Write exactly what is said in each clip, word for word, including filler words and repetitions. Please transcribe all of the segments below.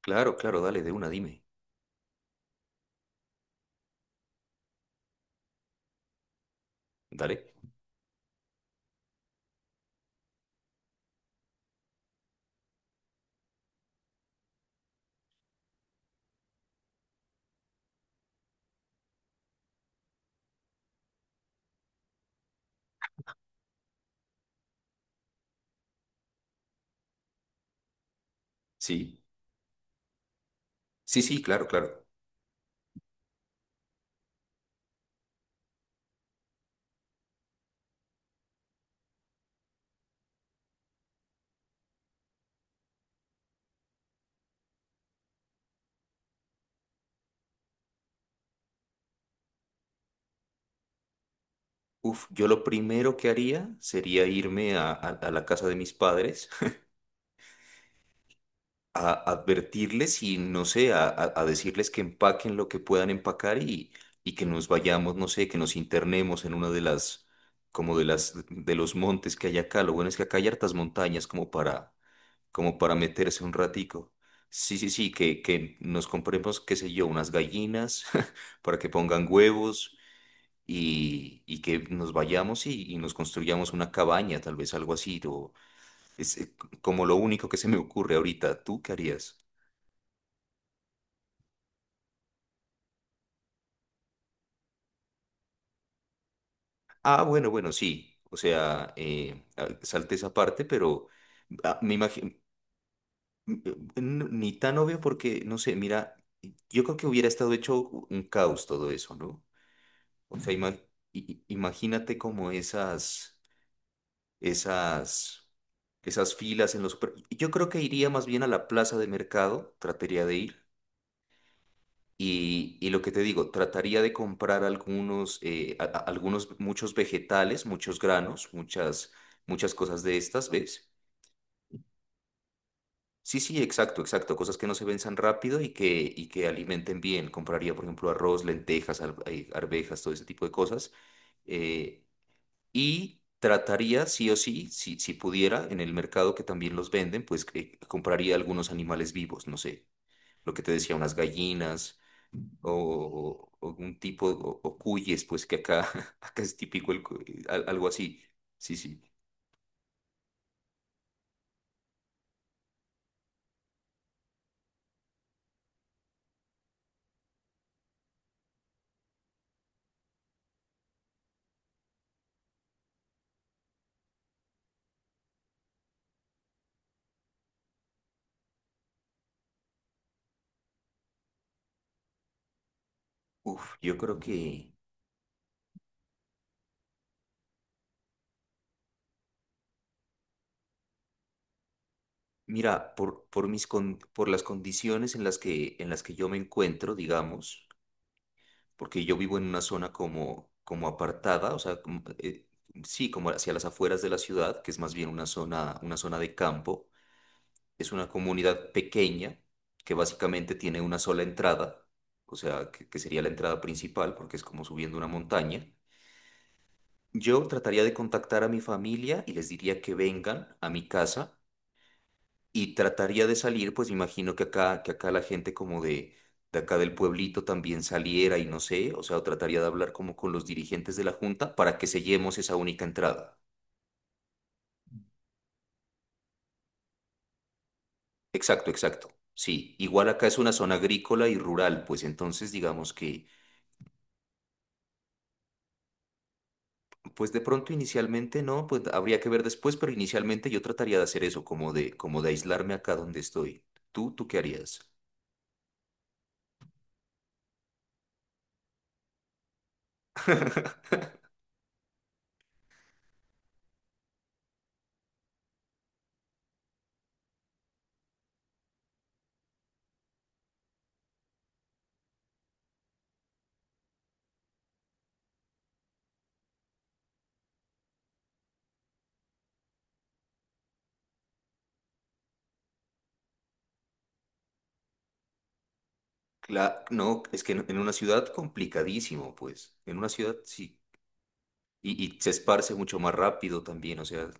Claro, claro, dale, de una, dime. Dale. Sí, sí, sí, claro, claro. Uf, yo lo primero que haría sería irme a, a- a la casa de mis padres a advertirles y, no sé, a, a- a decirles que empaquen lo que puedan empacar y, y que nos vayamos, no sé, que nos internemos en una de las, como de las, de los montes que hay acá. Lo bueno es que acá hay hartas montañas como para, como para meterse un ratico. Sí, sí, sí, que, que nos compremos, qué sé yo, unas gallinas para que pongan huevos y, y que nos vayamos y, y nos construyamos una cabaña, tal vez algo así, o es eh, c- como lo único que se me ocurre ahorita. ¿Tú qué harías? Ah, bueno, bueno, sí. O sea, eh, ah, salte esa parte, pero ah, me imagino, ni tan obvio porque, no sé, mira, yo creo que hubiera estado hecho un caos todo eso, ¿no? O sea, ima- i- i- imagínate como esas. Esas, esas filas en los super- Yo creo que iría más bien a la plaza de mercado, trataría de ir. Y, y lo que te digo, trataría de comprar algunos, eh, a- a- algunos, muchos vegetales, muchos granos, muchas, muchas cosas de estas, ¿ves? Sí, sí, exacto, exacto. Cosas que no se venzan rápido y que, y que alimenten bien. Compraría, por ejemplo, arroz, lentejas, al- eh, arvejas, todo ese tipo de cosas. eh, Y trataría, sí o sí, si, si pudiera, en el mercado que también los venden, pues que compraría algunos animales vivos, no sé, lo que te decía, unas gallinas o, o- o algún tipo, o, o cuyes, pues que acá, acá es típico el cu- eh, al- algo así. Sí, sí. Uf, yo creo que, mira, por, por mis con- por las condiciones en las que, en las que yo me encuentro, digamos. Porque yo vivo en una zona como, como apartada, o sea, como, eh, sí, como hacia las afueras de la ciudad, que es más bien una zona, una zona de campo. Es una comunidad pequeña que básicamente tiene una sola entrada, o sea, que, que sería la entrada principal, porque es como subiendo una montaña. Yo trataría de contactar a mi familia y les diría que vengan a mi casa y trataría de salir, pues imagino que acá, que acá la gente como de, de acá del pueblito también saliera y no sé, o sea, o trataría de hablar como con los dirigentes de la junta para que sellemos esa única entrada. Exacto, exacto. Sí, igual acá es una zona agrícola y rural, pues entonces digamos que, pues de pronto inicialmente no, pues habría que ver después, pero inicialmente yo trataría de hacer eso, como de, como de aislarme acá donde estoy. ¿Tú, tú qué harías? Claro, no, es que en en una ciudad complicadísimo, pues. En una ciudad sí. Y, y se esparce mucho más rápido también, o sea,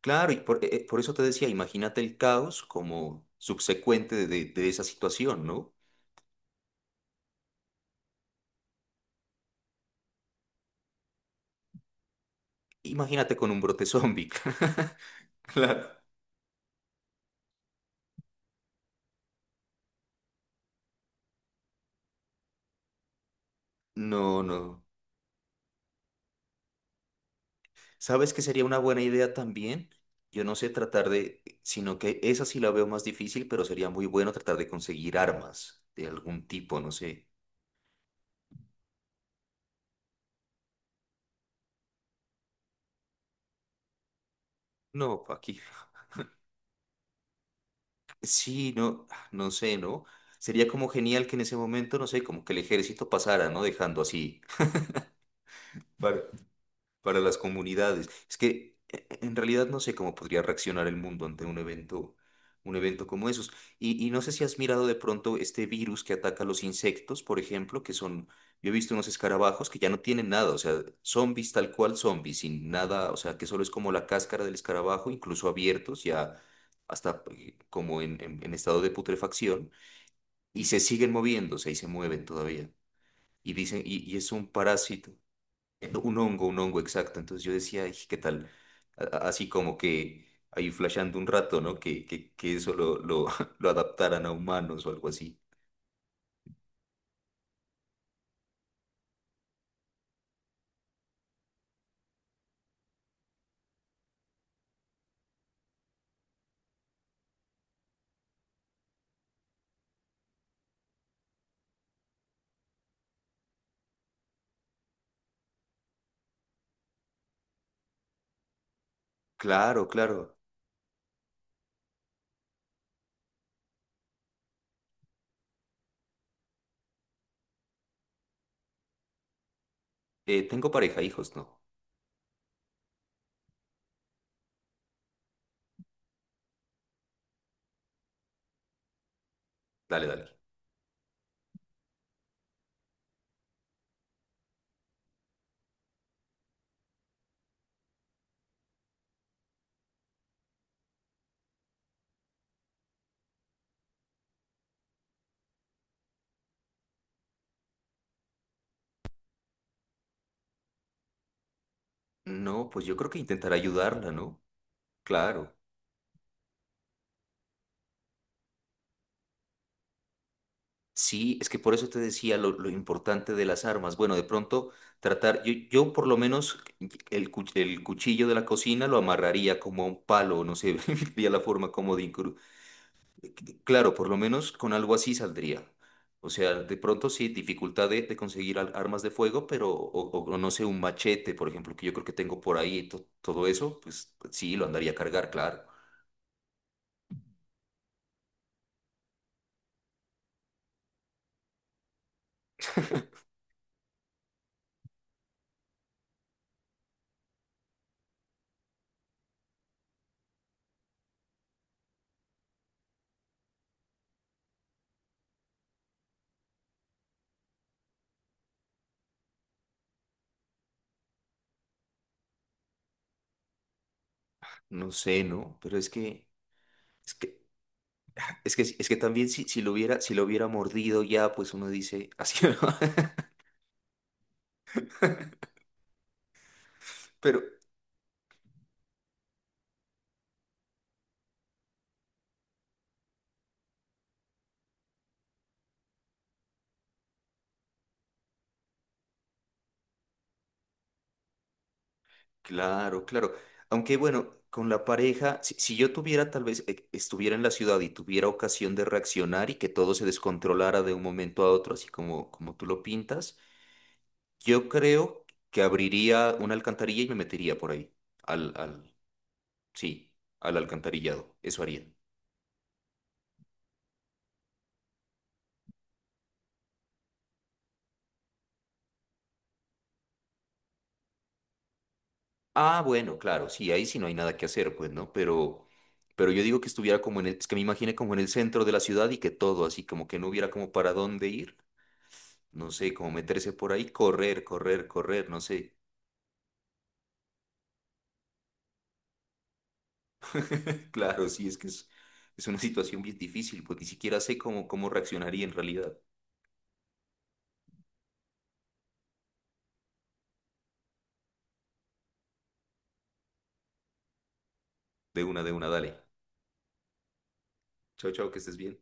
claro, y por, eh, eh, por eso te decía, imagínate el caos como subsecuente de, de- de esa situación, ¿no? Imagínate con un brote zombie. Claro. No, no. ¿Sabes qué sería una buena idea también? Yo no sé tratar de, sino que esa sí la veo más difícil, pero sería muy bueno tratar de conseguir armas de algún tipo, no sé. No, Paqui. Sí, no, no sé, ¿no? Sería como genial que en ese momento, no sé, como que el ejército pasara, ¿no? Dejando así. para, para las comunidades. Es que eh, en realidad no sé cómo podría reaccionar el mundo ante un evento, un evento como esos. Y, y no sé si has mirado de pronto este virus que ataca a los insectos, por ejemplo, que son, yo he visto unos escarabajos que ya no tienen nada, o sea, zombies tal cual zombies, sin nada, o sea, que solo es como la cáscara del escarabajo, incluso abiertos ya. Hasta eh, como en, en en estado de putrefacción, y se siguen moviéndose y se mueven todavía. Y dicen, y, y es un parásito. Eh, Un hongo, un hongo, exacto. Entonces yo decía, "Ay, ¿qué tal? A- a- Así como que ahí flasheando un rato, ¿no? Que, que, que eso lo, lo, lo adaptaran a humanos o algo así. Claro, claro. Eh, tengo pareja, hijos, ¿no? Dale, dale. No, pues yo creo que intentar ayudarla, ¿no? Claro. Sí, es que por eso te decía lo, lo importante de las armas. Bueno, de pronto tratar, yo, yo por lo menos el, cuch- el cuchillo de la cocina lo amarraría como a un palo, no sé, vería la forma como de incru- Claro, por lo menos con algo así saldría. O sea, de pronto sí, dificultad de, de conseguir al- armas de fuego, pero, o, o- o no sé, un machete, por ejemplo, que yo creo que tengo por ahí, to- todo eso, pues sí, lo andaría a cargar, claro. No sé, ¿no? Pero es que, es que, es que, es que también si, si lo hubiera, si lo hubiera mordido ya, pues uno dice, así, ¿no? Pero, claro, claro. Aunque bueno, con la pareja, si, si yo tuviera tal vez, eh, estuviera en la ciudad y tuviera ocasión de reaccionar y que todo se descontrolara de un momento a otro, así como, como tú lo pintas, yo creo que abriría una alcantarilla y me metería por ahí, al, al, sí, al alcantarillado, eso haría. Ah, bueno, claro, sí, ahí sí no hay nada que hacer, pues, ¿no? Pero, pero yo digo que estuviera como en el, es que me imaginé como en el centro de la ciudad y que todo, así como que no hubiera como para dónde ir. No sé, como meterse por ahí, correr, correr, correr, no sé. Claro, sí, es que es, es una situación bien difícil, pues ni siquiera sé cómo, cómo reaccionaría en realidad. De una, de una, dale. Chao, chao, que estés bien.